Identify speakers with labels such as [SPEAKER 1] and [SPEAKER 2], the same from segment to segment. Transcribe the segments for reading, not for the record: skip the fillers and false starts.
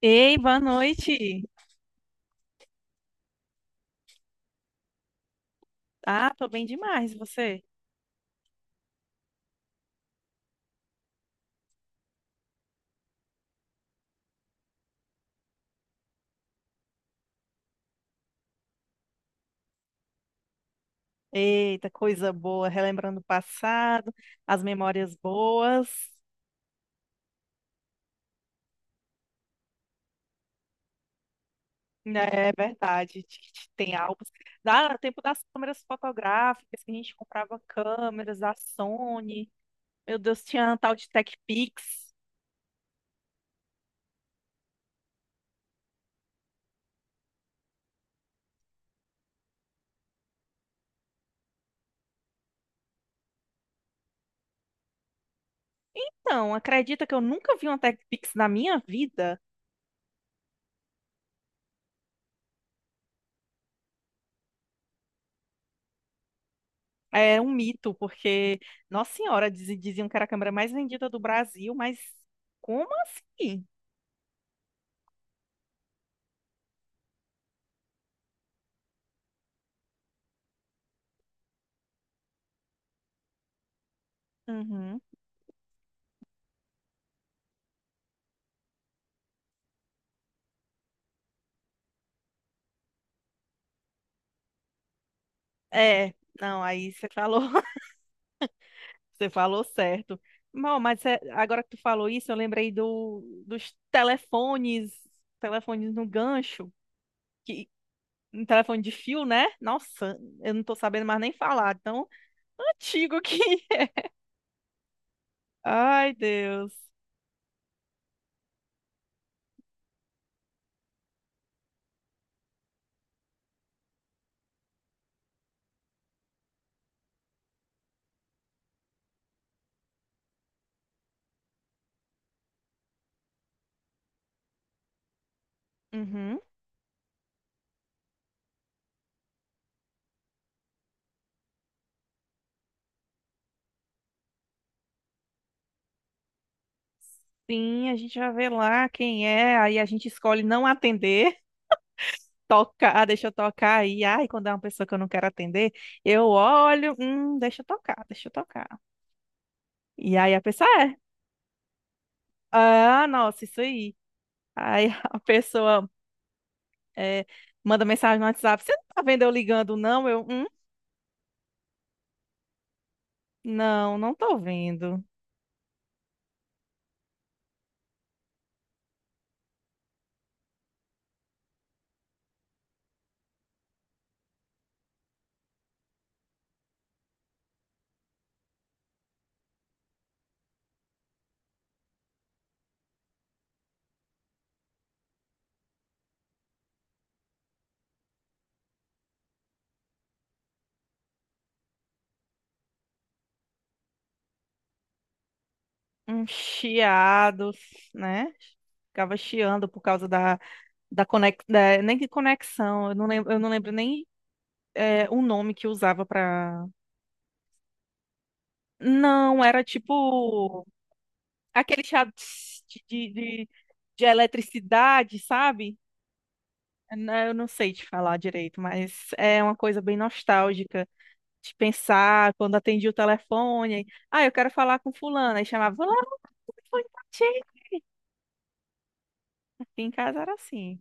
[SPEAKER 1] Ei, boa noite. Ah, tô bem demais, e você? Eita, coisa boa, relembrando o passado, as memórias boas. Né, é verdade, tem álbuns. Dá no tempo das câmeras fotográficas, que a gente comprava câmeras da Sony. Meu Deus, tinha um tal de TechPix. Não, acredita que eu nunca vi uma TechPix na minha vida? É um mito, porque, nossa senhora, diziam que era a câmera mais vendida do Brasil, mas como assim? Uhum. É, não, aí você falou, você falou certo. Bom, mas agora que tu falou isso, eu lembrei dos telefones no gancho, que um telefone de fio, né? Nossa, eu não tô sabendo mais nem falar, tão antigo que. Ai, Deus. Uhum. Sim, a gente já vê lá quem é, aí a gente escolhe não atender, toca ah deixa eu tocar aí. Ai, quando é uma pessoa que eu não quero atender, eu olho, deixa eu tocar, deixa eu tocar. E aí a pessoa ah, nossa, isso aí. Aí a pessoa é, manda mensagem no WhatsApp: você não tá vendo eu ligando, não? Não, não tô vendo. Um chiado, né? Ficava chiando por causa da conexão, nem que conexão, eu não lembro nem o nome que usava pra. Não, era tipo aquele chiado tss, de, de, de de eletricidade, sabe? Né, eu não sei te falar direito, mas é uma coisa bem nostálgica de pensar quando atendia o telefone. Ah, eu quero falar com fulano. Aí chamava, fulano, o telefone tá cheio. Aqui em casa era assim.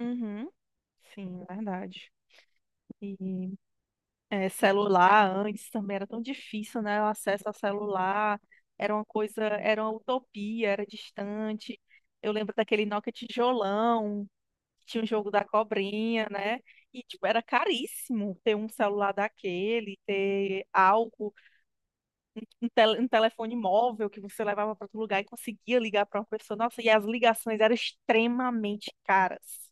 [SPEAKER 1] Uhum. Sim, verdade. E celular antes também era tão difícil, né? O acesso ao celular era uma coisa, era uma utopia, era distante. Eu lembro daquele Nokia tijolão, que tinha um jogo da cobrinha, né? E tipo, era caríssimo ter um celular daquele, ter algo. Um telefone móvel que você levava para outro lugar e conseguia ligar para uma pessoa. Nossa, e as ligações eram extremamente caras.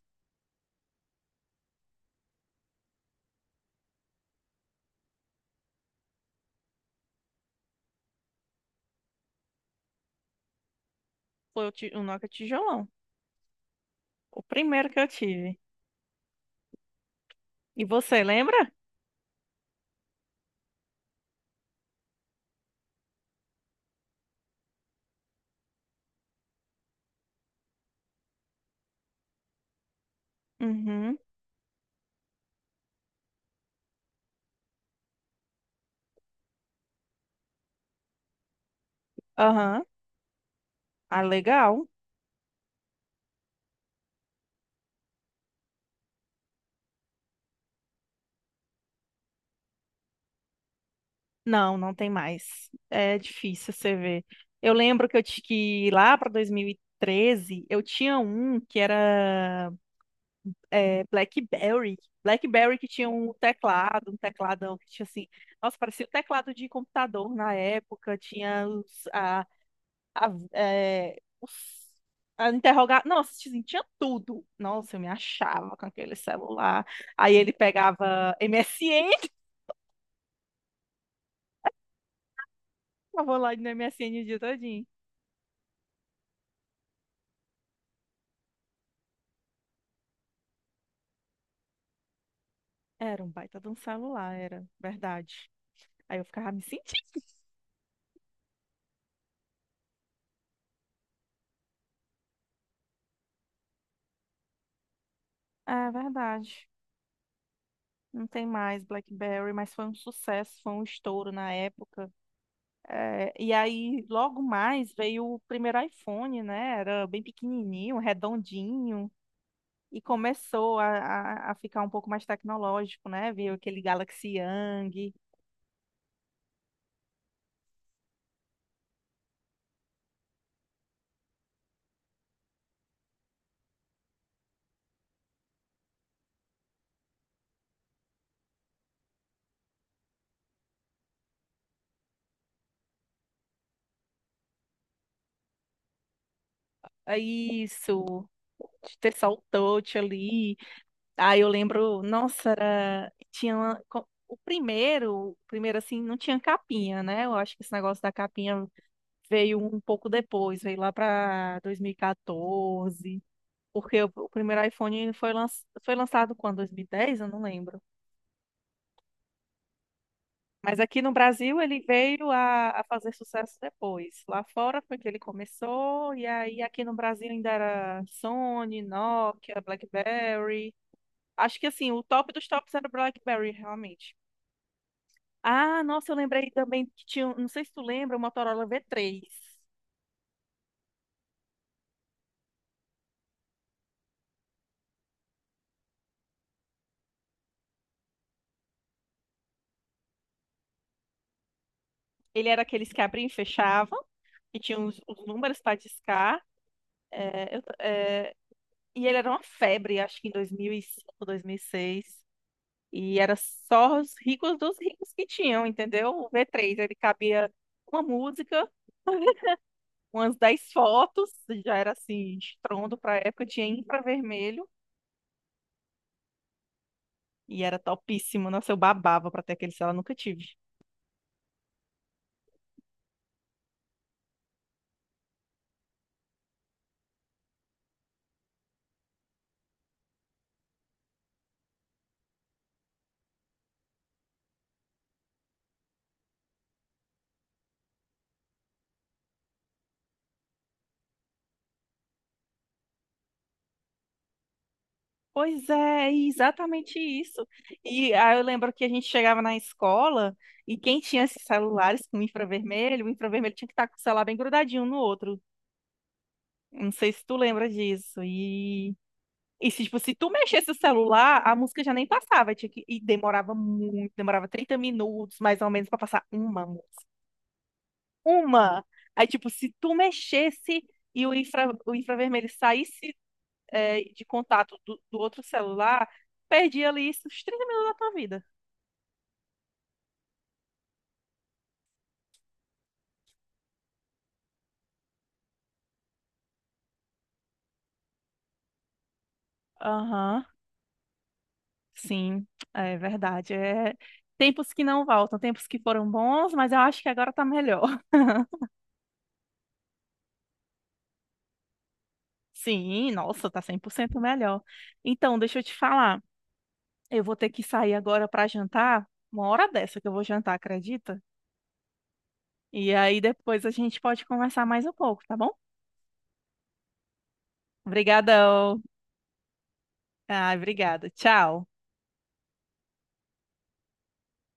[SPEAKER 1] Foi o Nokia tijolão. O primeiro que eu tive. E você lembra? Uhum. Aham. Ah, legal. Não, não tem mais. É difícil você ver. Eu lembro que que lá para 2013 eu tinha um que era BlackBerry. BlackBerry que tinha um teclado, um tecladão que tinha assim. Nossa, parecia o teclado de computador na época. Tinha os, a, é, os, a interrogar. Nossa, assim, tinha tudo. Nossa, eu me achava com aquele celular. Aí ele pegava MSN, eu vou lá no MSN o dia todinho. Era um baita de um celular, era verdade. Aí eu ficava me sentindo. É verdade. Não tem mais BlackBerry, mas foi um sucesso, foi um estouro na época. É, e aí, logo mais, veio o primeiro iPhone, né? Era bem pequenininho, redondinho, e começou a ficar um pouco mais tecnológico, né? Veio aquele Galaxy Young, é isso, ter só o touch ali. Aí eu lembro, nossa, tinha o primeiro assim, não tinha capinha, né? Eu acho que esse negócio da capinha veio um pouco depois, veio lá para 2014. Porque o primeiro iPhone ele foi lançado quando? 2010? Eu não lembro. Mas aqui no Brasil ele veio a fazer sucesso depois. Lá fora foi que ele começou, e aí aqui no Brasil ainda era Sony, Nokia, BlackBerry. Acho que assim, o top dos tops era o BlackBerry, realmente. Ah, nossa, eu lembrei também que tinha, não sei se tu lembra, o Motorola V3. Ele era aqueles que abriam e fechavam, e tinha os números para discar. E ele era uma febre, acho que em 2005, dois mil e seis. E era só os ricos dos ricos que tinham, entendeu? O V3 ele cabia uma música, umas 10 fotos, já era assim, estrondo pra época, tinha infravermelho e era topíssimo. Nossa, eu babava pra ter aquele celular, nunca tive. Pois é, exatamente isso. E aí eu lembro que a gente chegava na escola e quem tinha esses celulares com infravermelho, o infravermelho tinha que estar com o celular bem grudadinho um no outro. Não sei se tu lembra disso. E se, tipo, se tu mexesse o celular, a música já nem passava. Tinha que... E demorava muito, demorava 30 minutos, mais ou menos, pra passar uma música. Uma! Aí, tipo, se tu mexesse e o o infravermelho saísse, de contato do outro celular, perdia ali os 30 minutos da tua vida. Aham, sim, é verdade. É... Tempos que não voltam, tempos que foram bons, mas eu acho que agora tá melhor. Sim, nossa, tá 100% melhor. Então, deixa eu te falar. Eu vou ter que sair agora para jantar, uma hora dessa que eu vou jantar, acredita? E aí depois a gente pode conversar mais um pouco, tá bom? Obrigadão. Ah, obrigada. Tchau.